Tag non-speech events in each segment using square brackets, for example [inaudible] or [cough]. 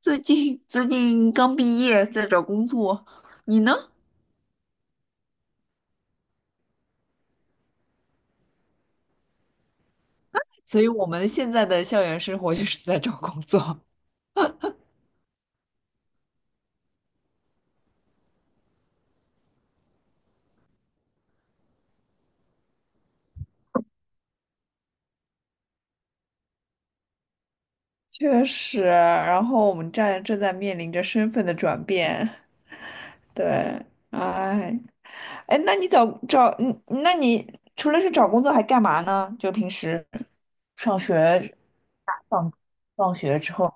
最近刚毕业，在找工作，你呢？所以我们现在的校园生活就是在找工作。[laughs] 确实，然后我们正在面临着身份的转变，对，哎，哎，那你除了是找工作还干嘛呢？就平时上学放放学之后。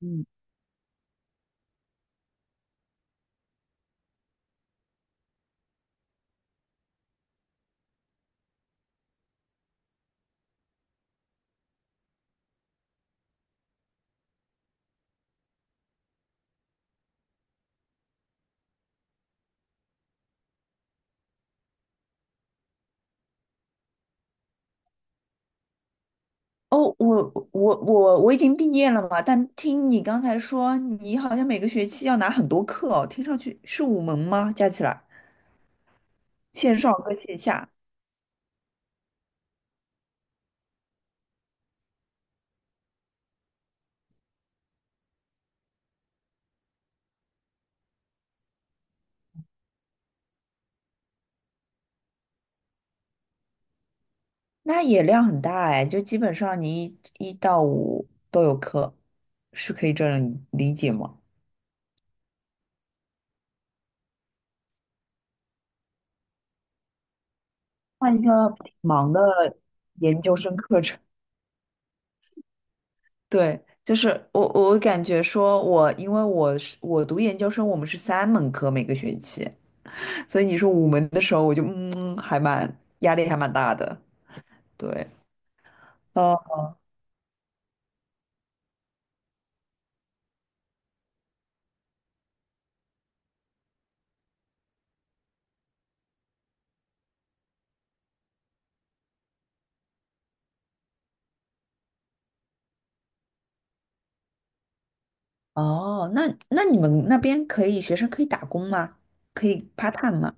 嗯。哦，我已经毕业了嘛，但听你刚才说，你好像每个学期要拿很多课哦，听上去是五门吗？加起来，线上和线下。那也量很大哎，就基本上你一到五都有课，是可以这样理解吗？换一个挺忙的研究生课程。对，就是我感觉说我，因为我读研究生，我们是三门课每个学期。所以你说五门的时候，我就还蛮压力还蛮大的。对，哦哦，那你们那边学生可以打工吗？可以 part time 吗？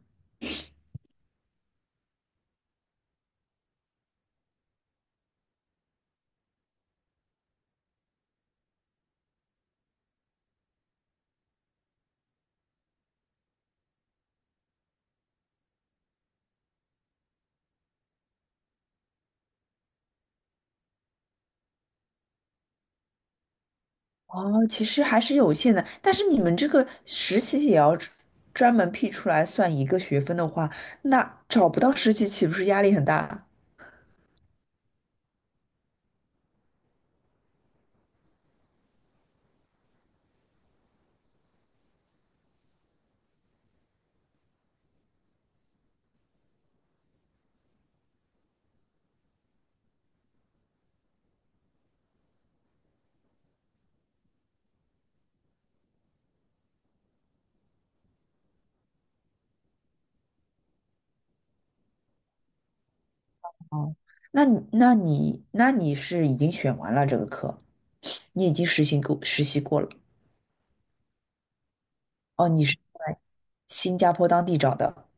哦，其实还是有限的，但是你们这个实习也要专门辟出来算一个学分的话，那找不到实习岂不是压力很大？哦，那你是已经选完了这个课，你已经实习过了。哦，你是在新加坡当地找的。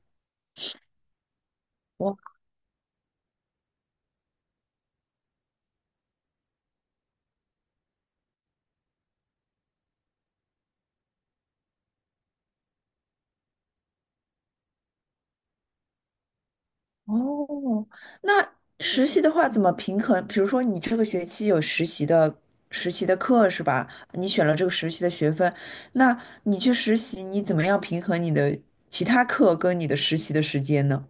哦，那实习的话怎么平衡？比如说你这个学期有实习的课是吧？你选了这个实习的学分，那你去实习，你怎么样平衡你的其他课跟你的实习的时间呢？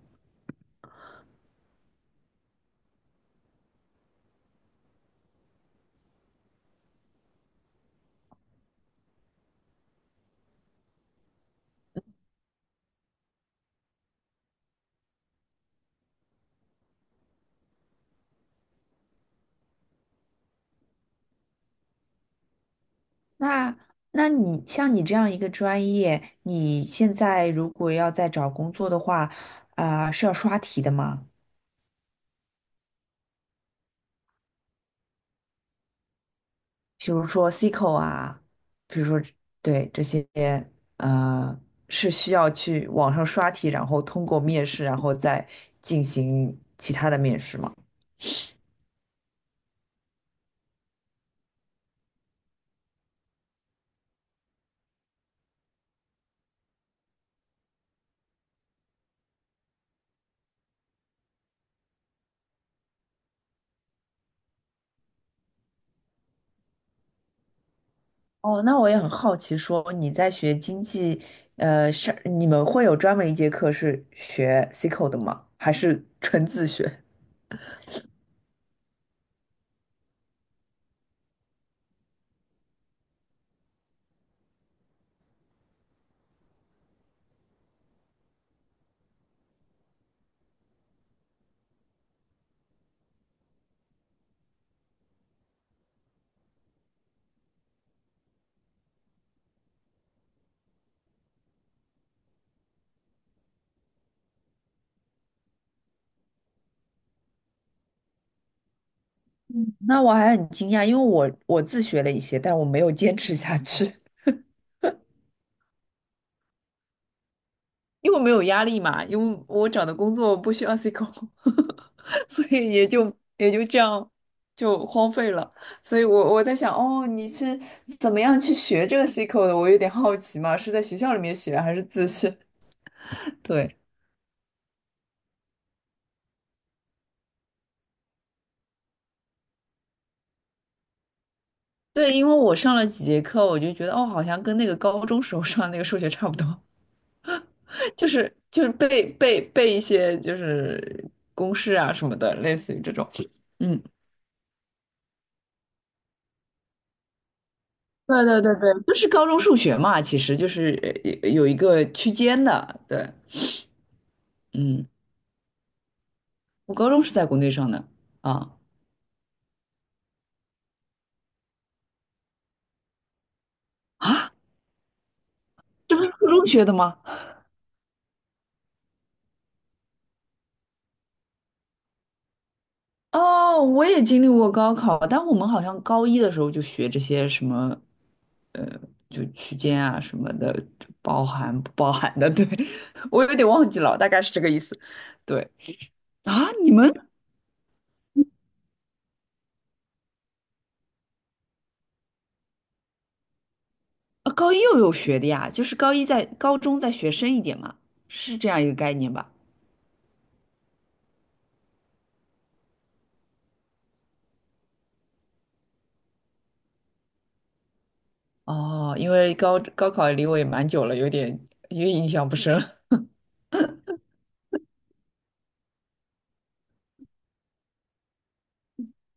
那那你像你这样一个专业，你现在如果要再找工作的话，啊、是要刷题的吗？比如说 SQL 啊，比如说对这些呃是需要去网上刷题，然后通过面试，然后再进行其他的面试吗？哦，那我也很好奇，说你在学经济，你们会有专门一节课是学 C q l 的吗？还是纯自学？[laughs] 那我还很惊讶，因为我自学了一些，但我没有坚持下去。因为我没有压力嘛，因为我找的工作不需要呵呵呵，[laughs] 所以也就这样就荒废了。所以我在想，哦，你是怎么样去学这个 C 口的？我有点好奇嘛，是在学校里面学还是自学？[laughs] 对。对，因为我上了几节课，我就觉得哦，好像跟那个高中时候上的那个数学差不多，[laughs] 就是背一些就是公式啊什么的，类似于这种。嗯。对对对对，就是高中数学嘛，其实就是有一个区间的，对，嗯，我高中是在国内上的啊啊，这不是初中学的吗？哦，我也经历过高考，但我们好像高一的时候就学这些什么，呃，就区间啊什么的，就包含不包含的，对，[laughs] 我有点忘记了，大概是这个意思。对啊，你们高一又有学的呀？就是高一在高中再学深一点嘛，是这样一个概念吧？哦，因为高考离我也蛮久了，有点印象不深了 [laughs]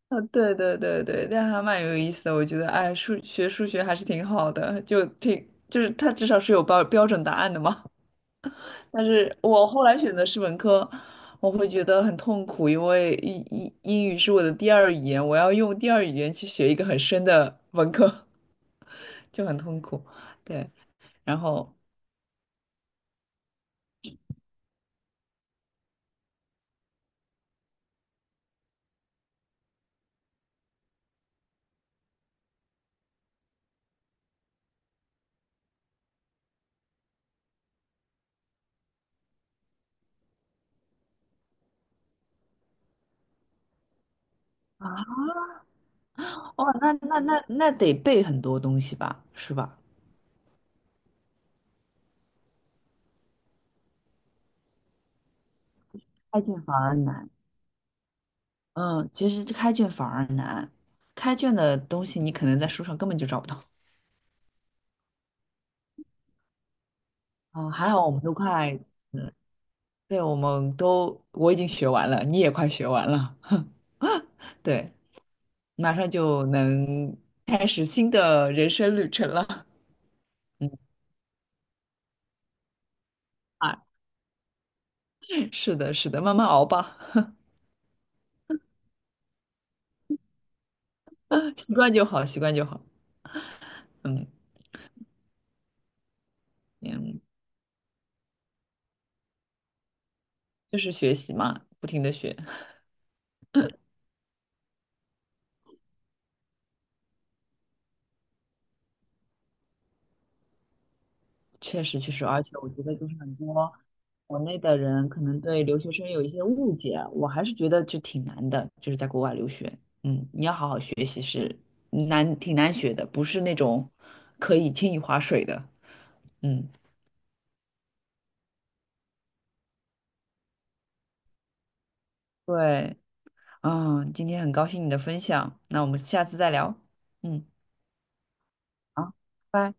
啊，对对对对，但还蛮有意思的。我觉得，哎，数学还是挺好的，就是它至少是有标准答案的嘛。[laughs] 但是我后来选的是文科，我会觉得很痛苦，因为英语是我的第二语言，我要用第二语言去学一个很深的文科，[laughs] 就很痛苦。对，然后啊，哦，那得背很多东西吧，是吧？开卷反而难。嗯，其实开卷反而难，开卷的东西你可能在书上根本就找不到。嗯，还好我们都快，对，我们都，我已经学完了，你也快学完了，[laughs] 对，马上就能开始新的人生旅程了。[laughs] 啊，是的，是的，慢慢熬吧，[laughs] 习惯就好，习惯就好。嗯嗯，就是学习嘛，不停的学。确实，确实，而且我觉得就是很多国内的人可能对留学生有一些误解，我还是觉得就挺难的，就是在国外留学，嗯，你要好好学习是难，挺难学的，不是那种可以轻易划水的，嗯，对，嗯，今天很高兴你的分享，那我们下次再聊，嗯，好，拜。